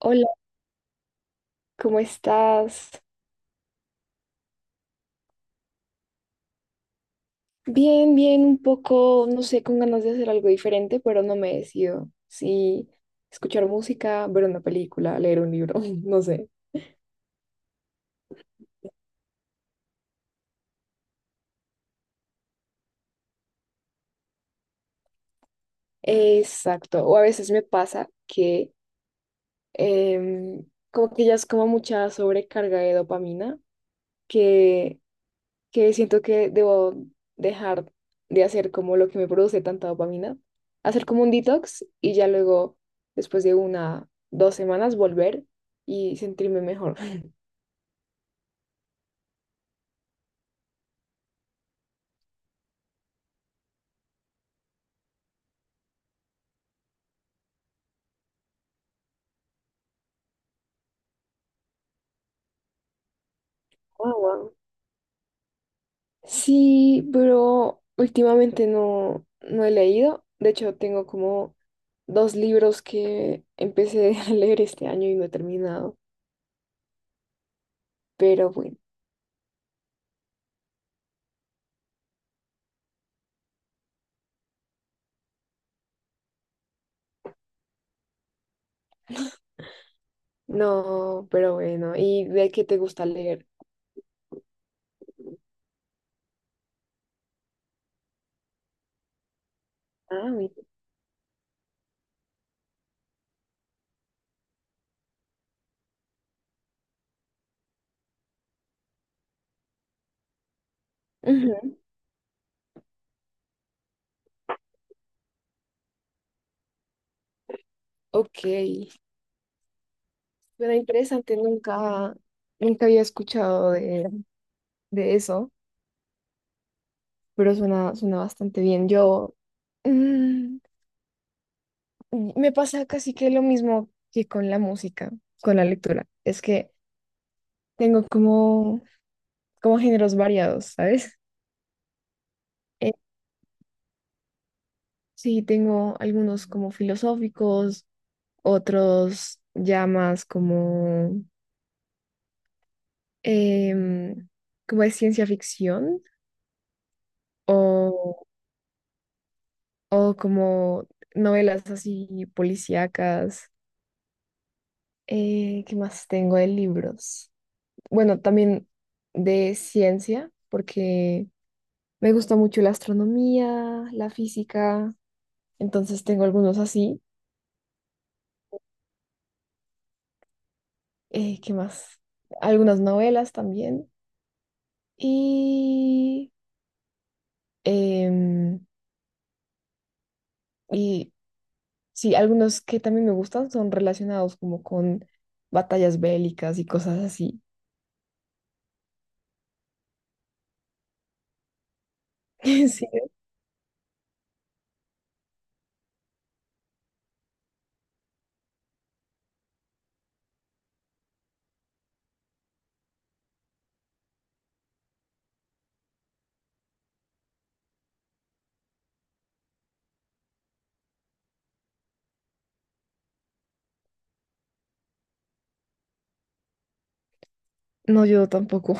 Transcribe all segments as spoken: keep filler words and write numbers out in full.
Hola, ¿cómo estás? Bien, bien, un poco, no sé, con ganas de hacer algo diferente, pero no me decido. Sí, escuchar música, ver una película, leer un libro, no sé. Exacto, o a veces me pasa que em, como que ya es como mucha sobrecarga de dopamina, que que siento que debo dejar de hacer como lo que me produce tanta dopamina, hacer como un detox y ya luego, después de una, dos semanas, volver y sentirme mejor. Guau, guau. Sí, pero últimamente no, no he leído. De hecho, tengo como dos libros que empecé a leer este año y no he terminado. Pero bueno, no, pero bueno. ¿Y de qué te gusta leer? Ah, mira. Ujú. Ok. Suena interesante, nunca, nunca había escuchado de, de eso, pero suena, suena bastante bien. Yo mm, me pasa casi que lo mismo que con la música, con la lectura. Es que tengo como, como géneros variados, ¿sabes? Eh, sí, tengo algunos como filosóficos, otros ya más como, em, como de ciencia ficción o como novelas así policíacas. Eh, ¿qué más tengo de libros? Bueno, también de ciencia, porque me gusta mucho la astronomía, la física, entonces tengo algunos así. Eh, ¿qué más? Algunas novelas también. Y, em, y sí, algunos que también me gustan son relacionados como con batallas bélicas y cosas así. Sí. No, yo tampoco.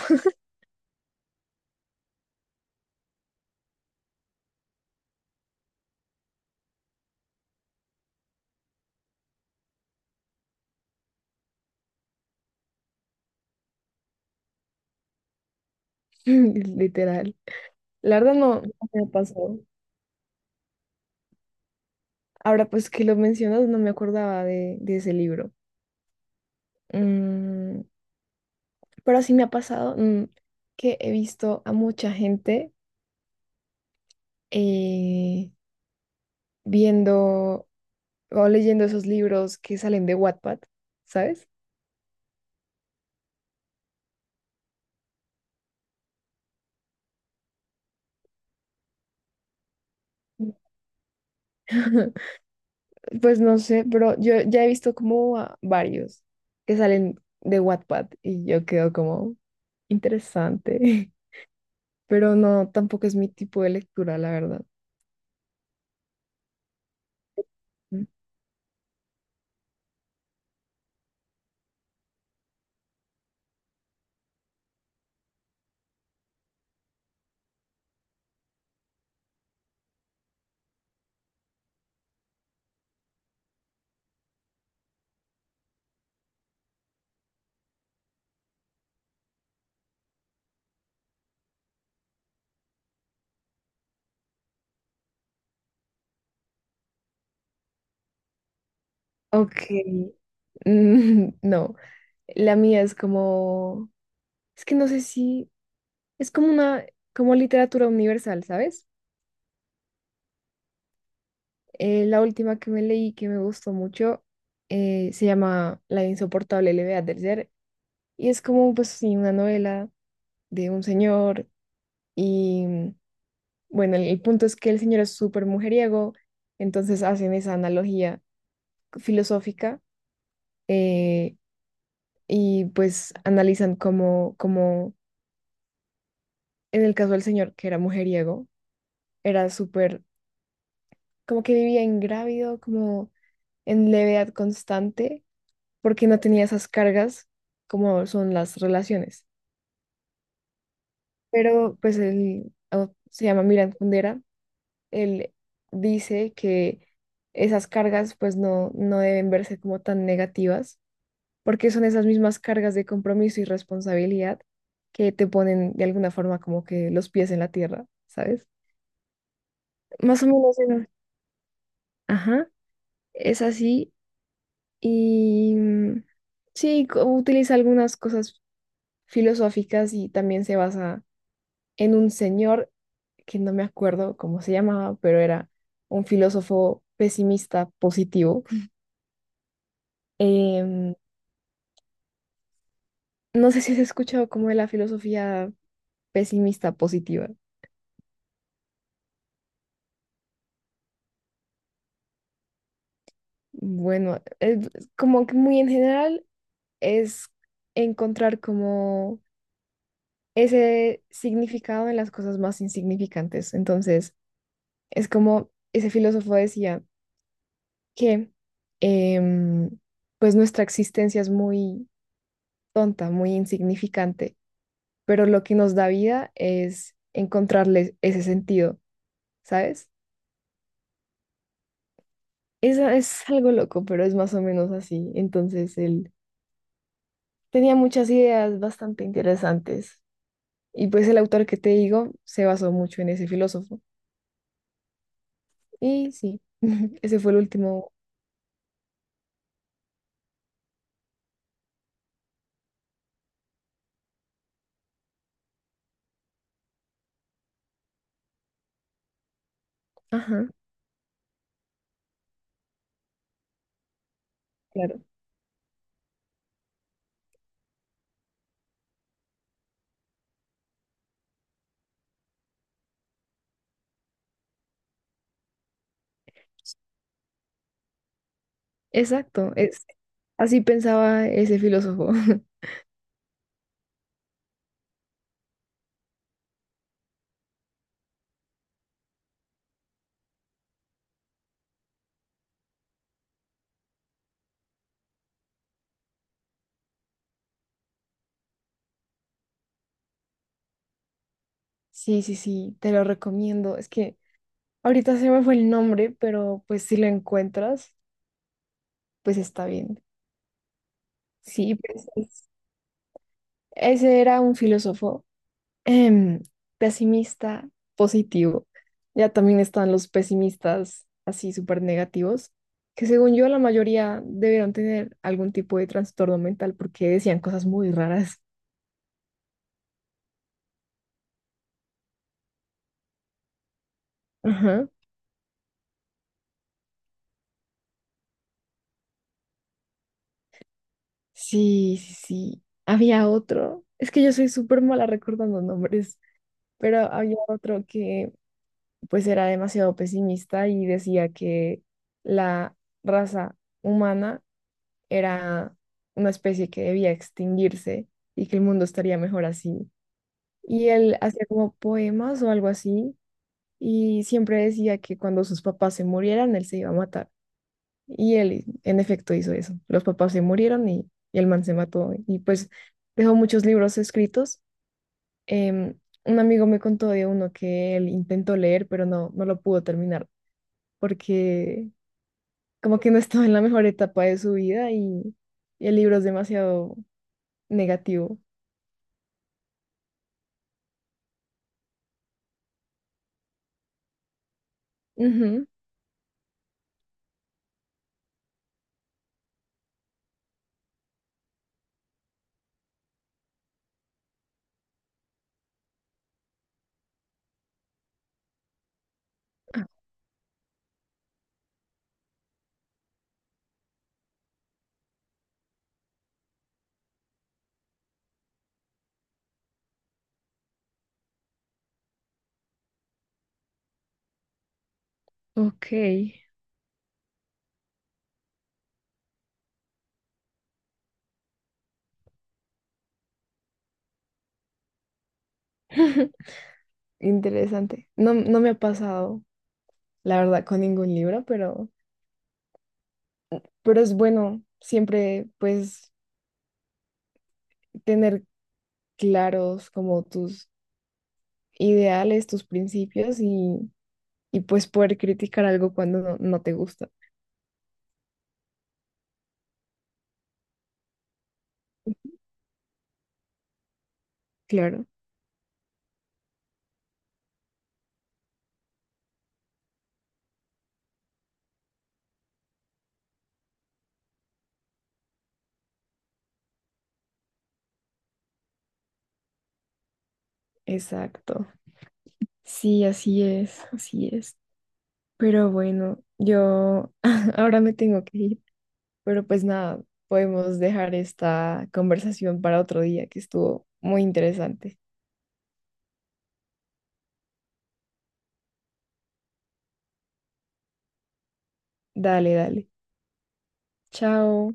Literal. La verdad no, no me pasó. Ahora pues que lo mencionas, no me acordaba de, de ese libro. Mm, pero sí me ha pasado mm, que he visto a mucha gente eh, viendo o leyendo esos libros que salen de Wattpad, ¿sabes? Mm. Pues no sé, pero yo ya he visto como a varios que salen de Wattpad y yo quedo como interesante, pero no, tampoco es mi tipo de lectura, la verdad. Mm. Ok, mm, no, la mía es como, es que no sé si, es como una, como literatura universal, ¿sabes? Eh, la última que me leí que me gustó mucho eh, se llama La insoportable levedad del ser. Y es como, pues sí, una novela de un señor y bueno, el, el punto es que el señor es súper mujeriego, entonces hacen esa analogía filosófica eh, y pues analizan cómo, cómo en el caso del señor que era mujeriego, era súper, como que vivía ingrávido, como en levedad constante, porque no tenía esas cargas como son las relaciones. Pero pues él oh, se llama Miran Kundera. Él dice que esas cargas pues no, no deben verse como tan negativas, porque son esas mismas cargas de compromiso y responsabilidad que te ponen de alguna forma como que los pies en la tierra, ¿sabes? Más o menos es. Ajá, es así y mm, sí, co- utiliza algunas cosas filosóficas y también se basa en un señor que no me acuerdo cómo se llamaba, pero era un filósofo pesimista positivo. No sé si has escuchado como de la filosofía pesimista positiva. Bueno, es como que muy en general es encontrar como ese significado en las cosas más insignificantes. Entonces, es como ese filósofo decía que em, pues nuestra existencia es muy tonta, muy insignificante, pero lo que nos da vida es encontrarle ese sentido, ¿sabes? Es, es algo loco, pero es más o menos así. Entonces, él tenía muchas ideas bastante interesantes. Y pues el autor que te digo se basó mucho en ese filósofo. Y sí, ese fue el último. Ajá, claro. Exacto, es, así pensaba ese filósofo. Sí, sí, sí, te lo recomiendo. Es que ahorita se me fue el nombre, pero pues si lo encuentras, pues está bien. Sí, pues es- ese era un filósofo em, pesimista, positivo. Ya también están los pesimistas así súper negativos, que según yo la mayoría debieron tener algún tipo de trastorno mental porque decían cosas muy raras. Ajá. Sí, sí, sí. Había otro. Es que yo soy súper mala recordando nombres, pero había otro que pues era demasiado pesimista y decía que la raza humana era una especie que debía extinguirse y que el mundo estaría mejor así. Y él hacía como poemas o algo así y siempre decía que cuando sus papás se murieran, él se iba a matar. Y él, en efecto, hizo eso. Los papás se murieron y, y el man se mató. Y pues dejó muchos libros escritos. Em, un amigo me contó de uno que él intentó leer, pero no, no lo pudo terminar porque como que no estaba en la mejor etapa de su vida y, y el libro es demasiado negativo. Ujú. Ok, interesante. No, no me ha pasado, la verdad, con ningún libro, pero, pero es bueno siempre, pues, tener claros como tus ideales, tus principios y, y pues poder criticar algo cuando no, no te gusta. Claro, exacto. Sí, así es, así es. Pero bueno, yo ahora me tengo que ir, pero pues nada, podemos dejar esta conversación para otro día que estuvo muy interesante. Dale, dale. Chao.